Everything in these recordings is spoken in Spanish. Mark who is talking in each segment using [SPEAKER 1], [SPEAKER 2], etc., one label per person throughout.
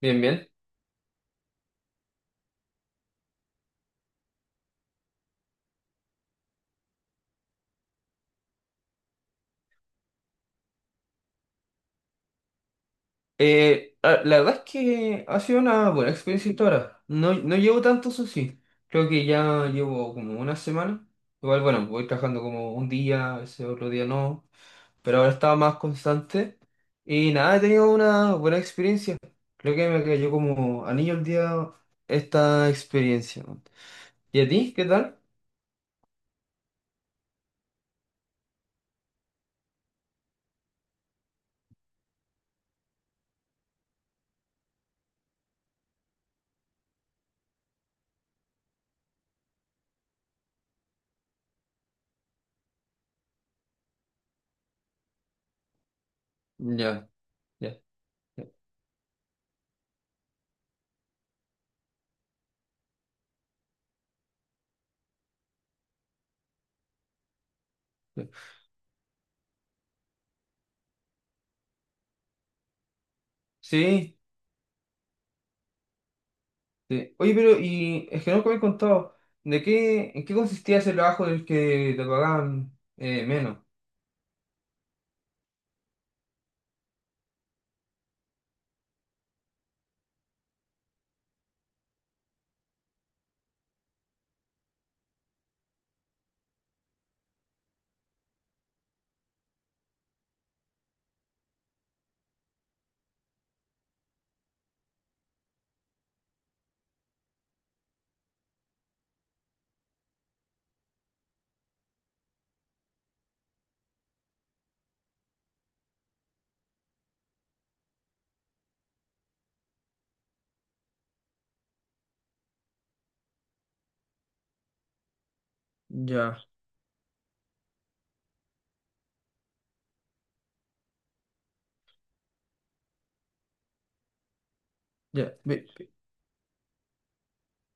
[SPEAKER 1] Bien, bien. La verdad es que ha sido una buena experiencia hasta ahora. No llevo tanto, eso sí. Creo que ya llevo como 1 semana. Igual, bueno, voy trabajando como un día, ese otro día no. Pero ahora estaba más constante. Y nada, he tenido una buena experiencia. Creo que me cayó como anillo el día esta experiencia. ¿Y a ti? ¿Qué tal? Ya, ya, ya. Ya. Sí, sí. Oye, pero y es que nunca me has contado, ¿de qué, en qué consistía ese trabajo del que te pagaban menos? Ya, ya.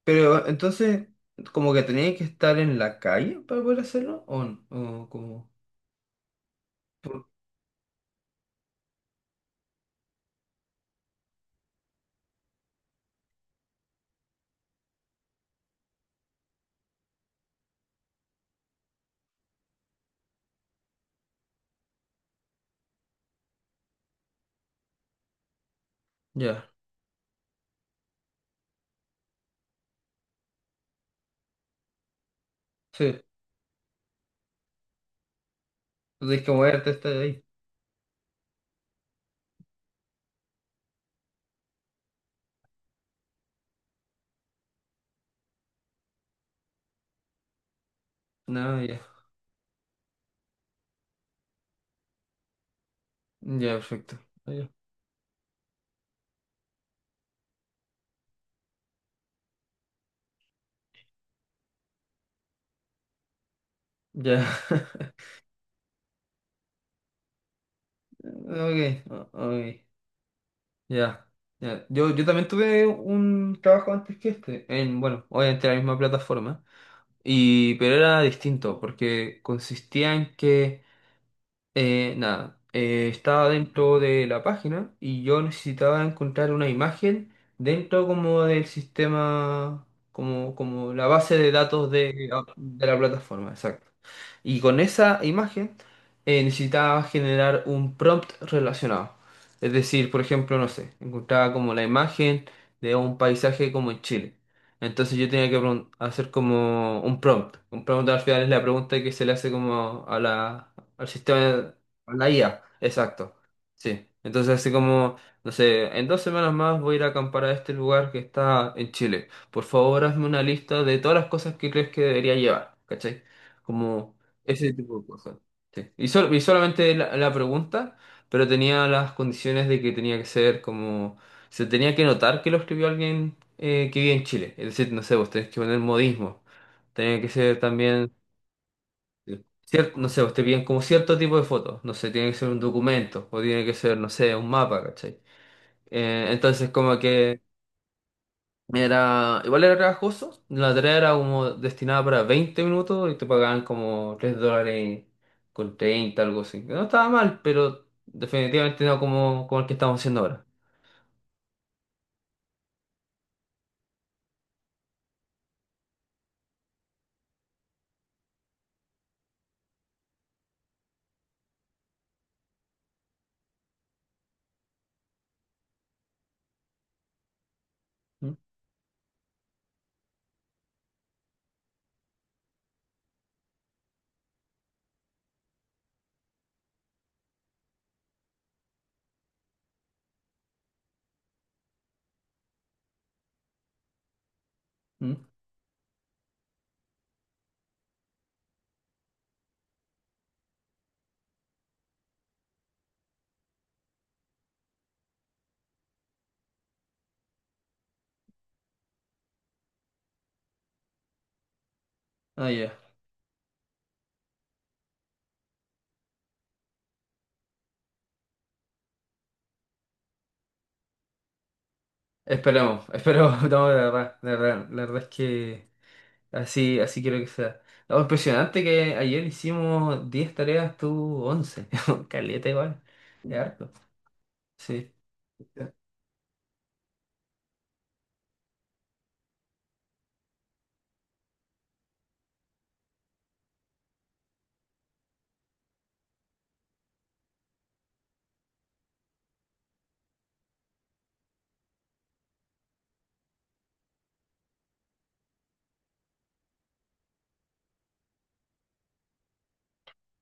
[SPEAKER 1] Pero entonces, como que tenías que estar en la calle para poder hacerlo, ¿o no? o como, por- Ya, sí, tienes que moverte, estar ahí. No, ya, ya, perfecto. Ya, ya, ok, ok. Ya, ya. Yo también tuve un trabajo antes que este, en, bueno, obviamente la misma plataforma. Y, pero era distinto, porque consistía en que nada, estaba dentro de la página y yo necesitaba encontrar una imagen dentro como del sistema, como, como la base de datos de, ah, de la plataforma, exacto. Y con esa imagen necesitaba generar un prompt relacionado. Es decir, por ejemplo, no sé, encontraba como la imagen de un paisaje como en Chile. Entonces yo tenía que hacer como un prompt. Un prompt al final es la pregunta que se le hace como a la al sistema, a la IA, exacto. Sí, entonces así como, no sé, en 2 semanas más voy a ir a acampar a este lugar que está en Chile. Por favor, hazme una lista de todas las cosas que crees que debería llevar, ¿cachai? Como ese tipo de cosas. Sí. Y, y solamente la pregunta, pero tenía las condiciones de que tenía que ser como, se tenía que notar que lo escribió alguien que vive en Chile. Es decir, no sé, vos tenés que poner modismo. Tenía que ser también no sé, usted piden como cierto tipo de fotos, no sé, tiene que ser un documento o tiene que ser, no sé, un mapa, ¿cachai? Entonces como que era, igual era trabajoso, la tarea era como destinada para 20 minutos y te pagaban como $3 con 30 algo así. Que no estaba mal, pero definitivamente no como, como el que estamos haciendo ahora. ¿Mm? ¿Mm? Ah, ya. Esperemos, esperemos, no, la verdad, la verdad, la verdad es que... Así, así quiero que sea. No, impresionante que ayer hicimos 10 tareas, tú 11. Caleta igual. Es harto. Sí.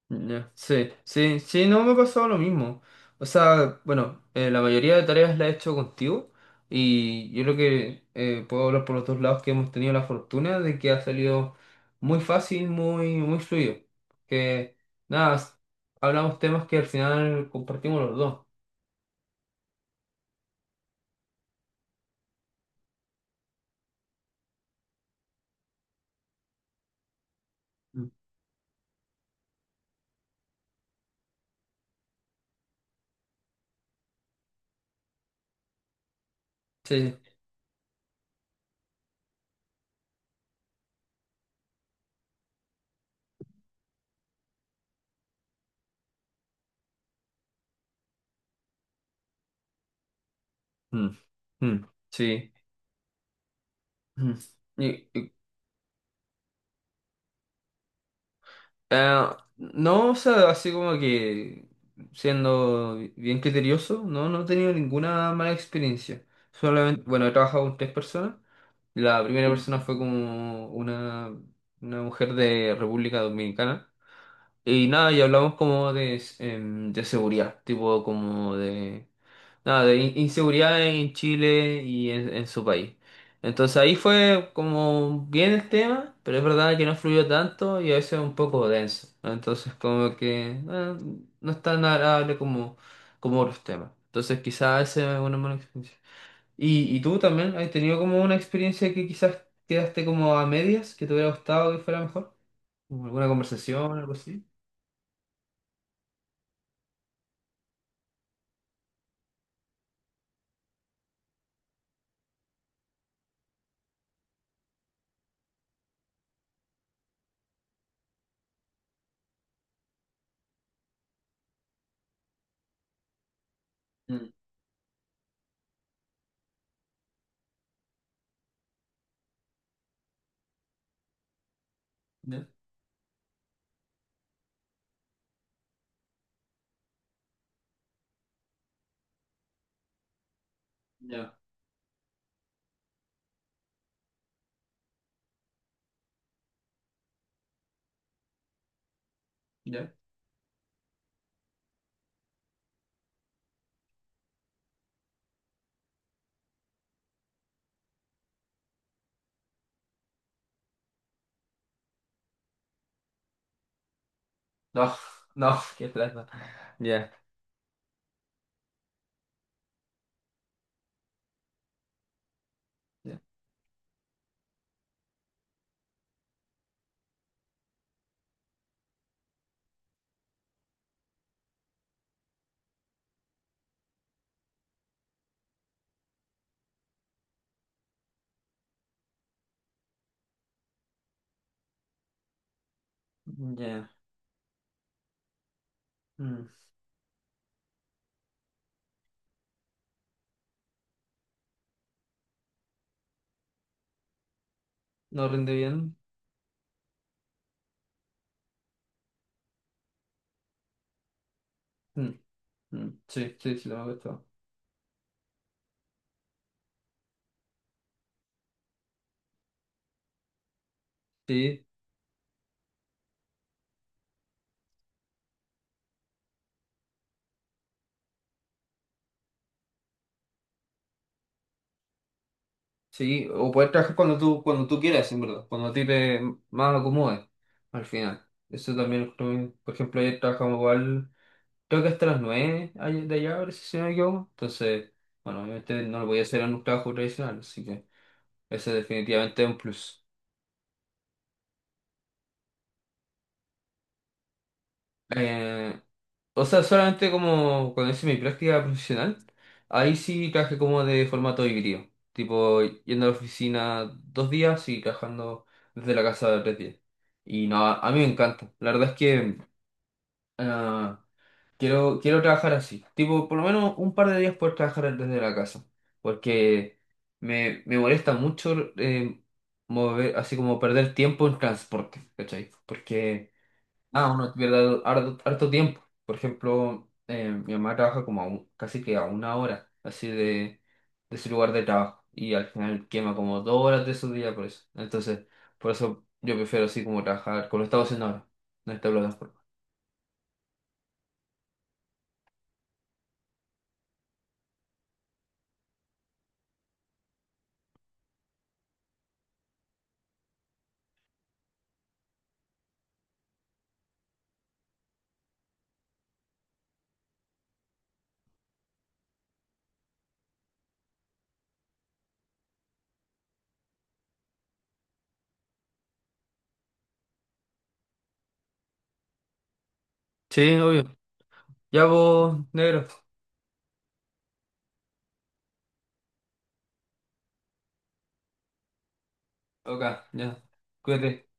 [SPEAKER 1] Ya, sí, sí, sí, no me ha pasado lo mismo. O sea, bueno, la mayoría de tareas la he hecho contigo y yo creo que puedo hablar por los dos lados que hemos tenido la fortuna de que ha salido muy fácil, muy, muy fluido. Que nada, hablamos temas que al final compartimos los dos. Mm. Sí. Mm, mm. Sí. Ujú. Y- y, ah, no, o sea, así como que siendo bien criterioso, no he tenido ninguna mala experiencia. Solamente, bueno, he trabajado con 3 personas. La primera persona fue como una mujer de República Dominicana. Y nada, y hablamos como de, em, de seguridad, tipo como de nada, de inseguridad en Chile y en su país. Entonces ahí fue como bien el tema, pero es verdad que no fluyó tanto y a veces un poco denso, ¿no? Entonces como que no es tan agradable como, como otros temas. Entonces quizás esa es una mala experiencia. Y tú también has tenido como una experiencia que quizás quedaste como a medias, que te hubiera gustado que fuera mejor? ¿Como alguna conversación, algo así? Mm, ya, ya, ya. No, no, qué plata. Ya. Ya. Mm. ¿No rinde bien? Mm, mm. Sí, sí, sí, lo me gusta. Sí, sí. O poder trabajar cuando tú quieras, en verdad. Cuando a ti te más acomode, al final. Eso también, lo encuentro bien. Por ejemplo, ayer trabajamos igual, creo que hasta las 9 de allá, ahora si no me equivoco. Entonces, bueno, obviamente no lo voy a hacer en un trabajo tradicional, así que ese definitivamente es un plus. Eh, o sea, solamente como cuando hice mi práctica profesional, ahí sí trabajé como de formato híbrido, tipo yendo a la oficina 2 días y trabajando desde la casa 3 días. Y no, a mí me encanta. La verdad es que ah, quiero, quiero trabajar así, tipo por lo menos un par de días poder trabajar desde la casa, porque me molesta mucho mover, así como perder tiempo en transporte, ¿cachai? Porque... Ah, uno pierde harto, harto tiempo. Por ejemplo, mi mamá trabaja como a casi que a 1 hora así de su lugar de trabajo y al final quema como 2 horas de su día por eso. Entonces, por eso yo prefiero así como trabajar como lo estaba haciendo ahora, en esta plataforma. Sí, obvio. Ya vos, negro. Ok, ya. Cuídate.